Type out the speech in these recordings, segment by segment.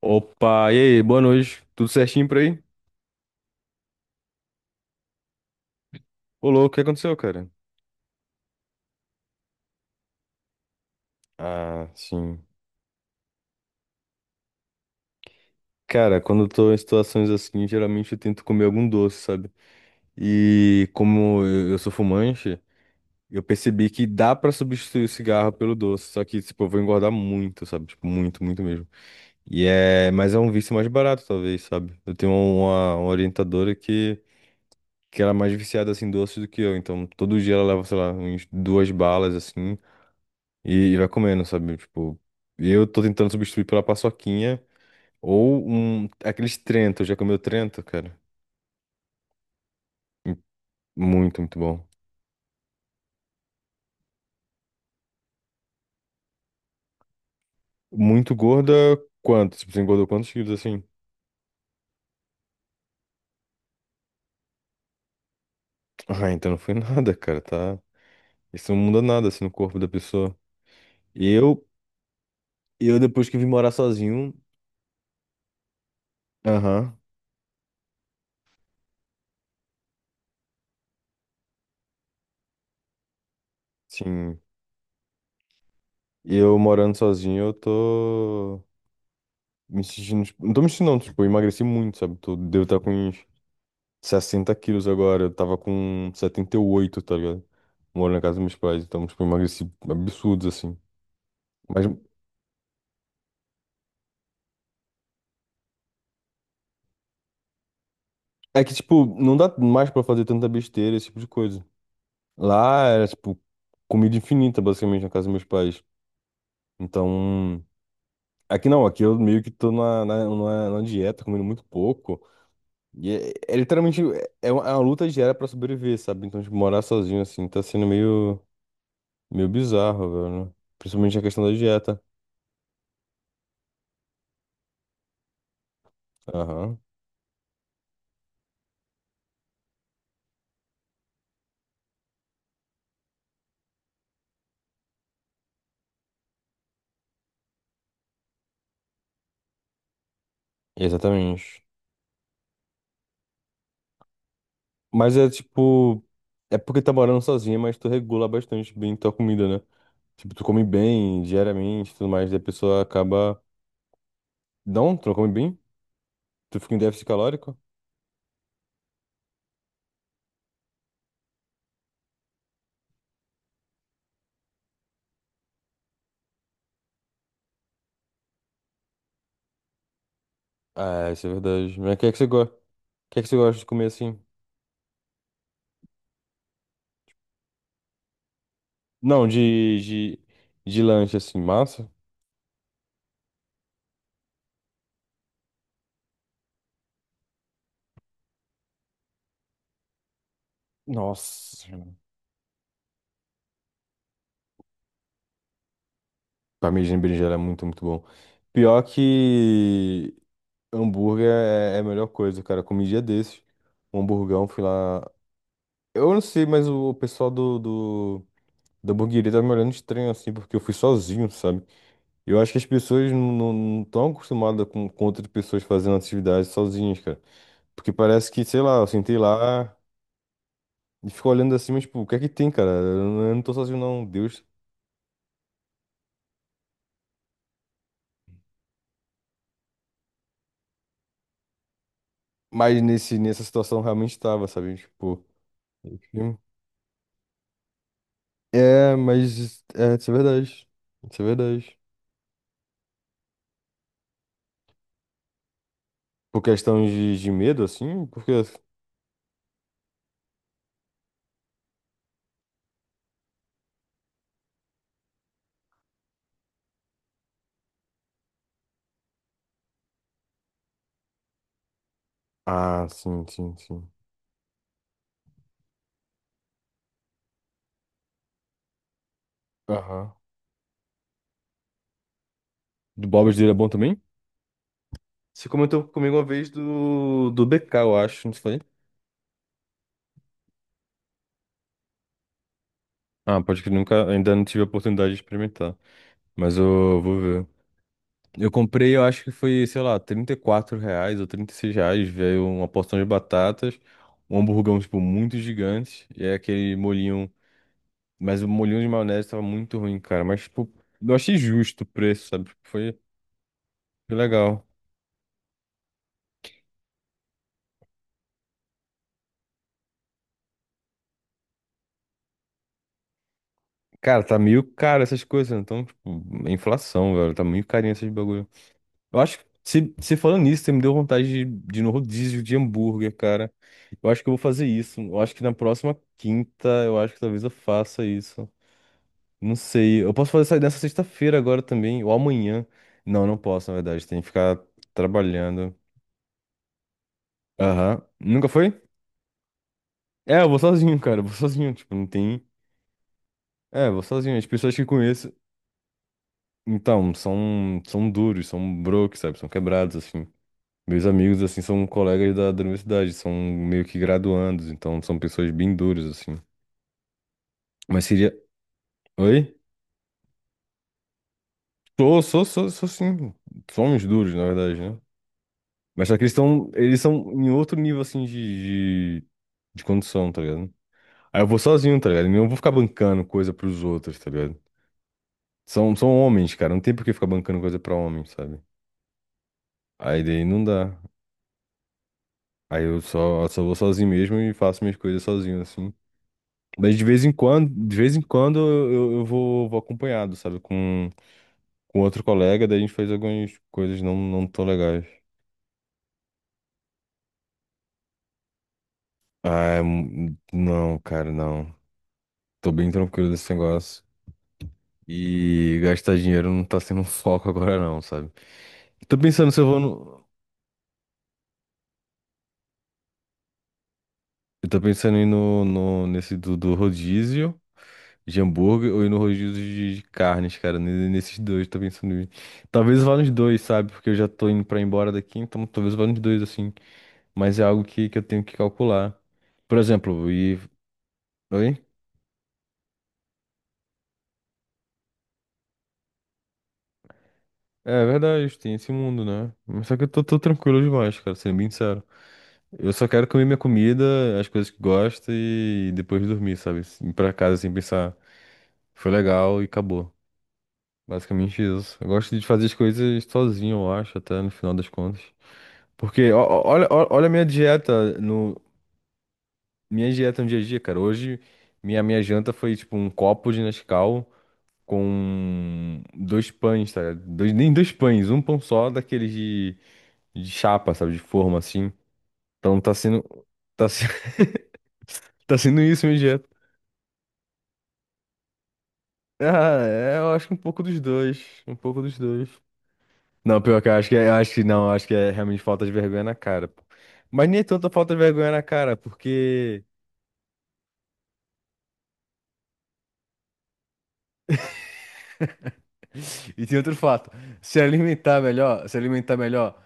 Opa, e aí, boa noite. Tudo certinho por aí? Ô, louco, o que aconteceu, cara? Ah, sim. Cara, quando eu tô em situações assim, geralmente eu tento comer algum doce, sabe? E como eu sou fumante, eu percebi que dá pra substituir o cigarro pelo doce, só que, tipo, eu vou engordar muito, sabe? Tipo, muito, muito mesmo. Mas é um vício mais barato, talvez, sabe? Eu tenho uma orientadora que ela é mais viciada, assim, em doce do que eu. Então, todo dia ela leva, sei lá, uns duas balas, assim... E vai comendo, sabe? Tipo, e eu tô tentando substituir pela paçoquinha ou aqueles Trento. Já comeu Trento, cara? Muito, muito bom. Muito gorda, quanto? Tipo, você engordou quantos quilos assim? Ah, então não foi nada, cara, tá? Isso não muda nada assim no corpo da pessoa. Eu, eu depois que vim morar sozinho, aham, sim. Eu morando sozinho, eu tô me sentindo, tipo, não tô me sentindo, não, tipo, eu emagreci muito, sabe? Tô, devo estar com uns 60 quilos agora, eu tava com 78, tá ligado? Moro na casa dos meus pais, então, tipo, eu emagreci absurdos, assim. Mas é que, tipo, não dá mais pra fazer tanta besteira, esse tipo de coisa. Lá era, tipo, comida infinita, basicamente, na casa dos meus pais. Então, aqui não, aqui eu meio que tô numa dieta, comendo muito pouco. E é literalmente, é uma luta diária pra sobreviver, sabe? Então, tipo, morar sozinho, assim, tá sendo meio, meio bizarro, velho, né? Principalmente a questão da dieta. Aham. Exatamente. Mas é tipo. É porque tá morando sozinha, mas tu regula bastante bem tua comida, né? Tipo, tu come bem diariamente e tudo mais, daí a pessoa acaba. Não, tu não come bem? Tu fica em déficit calórico? Ah, isso é verdade. Mas o que é que você gosta? O que é que você gosta de comer assim? Não, de lanche assim, massa? Nossa. Parmegiana e berinjela é muito, muito bom. Pior que hambúrguer é a melhor coisa, cara. Eu comi um dia desses. Um hamburgão, fui lá. Eu não sei, mas o pessoal do, da hamburgueria tá me olhando estranho assim, porque eu fui sozinho, sabe? Eu acho que as pessoas não estão acostumadas com outras pessoas fazendo atividades sozinhas, cara. Porque parece que, sei lá, eu sentei lá e fico olhando assim, mas, tipo, o que é que tem, cara? Eu não tô sozinho, não, Deus. Mas nessa situação eu realmente tava, sabe? Tipo, enfim. É, mas é, isso é verdade. Isso é verdade. Por questão de medo, assim, porque. Ah, sim, sim, sim. Aham. Do Bob dele é bom também? Você comentou comigo uma vez do BK, eu acho, não foi? Ah, pode que nunca, ainda não tive a oportunidade de experimentar. Mas eu vou ver. Eu comprei, eu acho que foi, sei lá, R$ 34 ou R$ 36. Veio uma porção de batatas, um hamburgão, tipo, muito gigante. E é aquele molhinho. Mas o molhinho de maionese tava muito ruim, cara. Mas, tipo, eu achei justo o preço, sabe? Tipo, foi legal. Cara, tá meio caro essas coisas, né? Então, tipo, é inflação, velho. Tá meio carinho esses bagulho. Eu acho que, se falando nisso, você me deu vontade de ir no rodízio de hambúrguer, cara. Eu acho que eu vou fazer isso. Eu acho que na próxima quinta, eu acho que talvez eu faça isso. Não sei. Eu posso fazer isso nessa sexta-feira agora também, ou amanhã. Não, não posso, na verdade. Tem que ficar trabalhando. Aham. Nunca foi? É, eu vou sozinho, cara. Eu vou sozinho. Tipo, não tem. É, eu vou sozinho. As pessoas que eu conheço, então, são duros, são broke, sabe? São quebrados, assim. Meus amigos, assim, são colegas da universidade, são meio que graduandos, então são pessoas bem duras, assim. Mas seria. Oi? Sou sim. Somos duros, na verdade, né? Mas só que eles estão. Eles são em outro nível, assim, de condição, tá ligado? Aí eu vou sozinho, tá ligado? Eu não vou ficar bancando coisa pros outros, tá ligado? São homens, cara, não tem por que ficar bancando coisa pra homem, sabe? Aí daí não dá. Aí eu só vou sozinho mesmo e faço minhas coisas sozinho, assim. Mas de vez em quando eu vou acompanhado, sabe? Com outro colega, daí a gente faz algumas coisas não, não tão legais. Ah, não, cara, não. Tô bem tranquilo desse negócio. E gastar dinheiro não tá sendo um foco agora, não, sabe? Tô pensando se eu vou no. Eu tô pensando em ir no, no, nesse do rodízio de hambúrguer ou ir no rodízio de carnes, cara. Nesses dois, tô pensando em ir. Talvez eu vá nos dois, sabe? Porque eu já tô indo pra ir embora daqui, então talvez eu vá nos dois, assim. Mas é algo que eu tenho que calcular. Por exemplo, e. Oi? É verdade, tem esse mundo, né? Mas só que eu tô tranquilo demais, cara, sendo bem sincero. Eu só quero comer minha comida, as coisas que gosto e depois dormir, sabe? Ir pra casa sem pensar, foi legal e acabou. Basicamente isso. Eu gosto de fazer as coisas sozinho, eu acho, até no final das contas. Porque olha a minha dieta no dia a dia, cara. Hoje minha janta foi tipo um copo de Nescau com dois pães, tá ligado? Dois, nem dois pães, um pão só daqueles de chapa, sabe? De forma, assim. Então tá sendo, tá, se- tá sendo isso minha dieta. Ah, é, eu acho que um pouco dos dois, um pouco dos dois. Não, pior que eu acho que não, eu acho que é realmente falta de vergonha na cara, pô. Mas nem é tanta falta de vergonha na cara, porque... E tem outro fato, se alimentar melhor...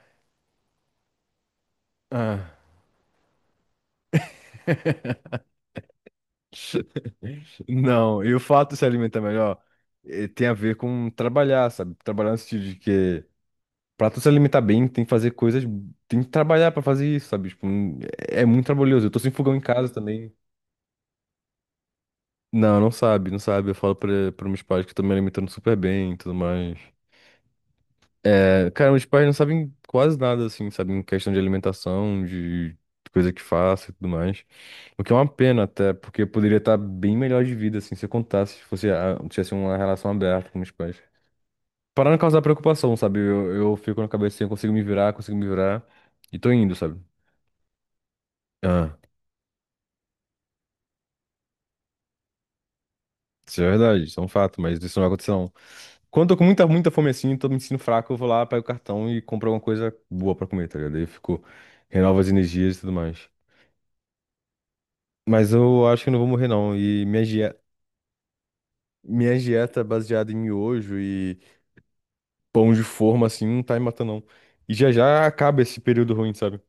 ah. Não, e o fato de se alimentar melhor, tem a ver com trabalhar, sabe? Trabalhar no sentido de que pra tu se alimentar bem, tem que fazer coisas, tem que trabalhar pra fazer isso, sabe? Tipo, é muito trabalhoso. Eu tô sem fogão em casa também. Não, não sabe, não sabe. Eu falo pra meus pais que eu tô me alimentando super bem e tudo mais. É, cara, meus pais não sabem quase nada, assim, sabem questão de alimentação, de coisa que faço e tudo mais. O que é uma pena até, porque eu poderia estar bem melhor de vida, assim, se eu contasse, se fosse, tivesse uma relação aberta com meus pais. Para não causar preocupação, sabe? Eu fico na cabeça assim, eu consigo me virar, e tô indo, sabe? Ah, isso é verdade, isso é um fato, mas isso não vai acontecer, não. Quando eu tô com muita, muita fome assim, tô me sentindo fraco, eu vou lá, pego o cartão e compro alguma coisa boa pra comer, tá ligado? Aí eu fico, renovo as energias e tudo mais. Mas eu acho que eu não vou morrer, não. E minha dieta é baseada em miojo e pão de forma, assim, não tá me matando, não. E já já acaba esse período ruim, sabe?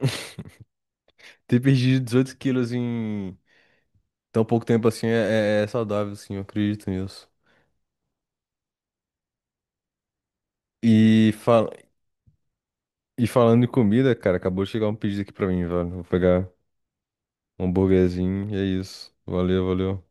Ter perdido 18 quilos em tão pouco tempo assim é saudável, assim, eu acredito nisso. E, fal... e falando em comida, cara, acabou de chegar um pedido aqui pra mim, velho. Vou pegar um hambúrguerzinho e é isso. Valeu, valeu.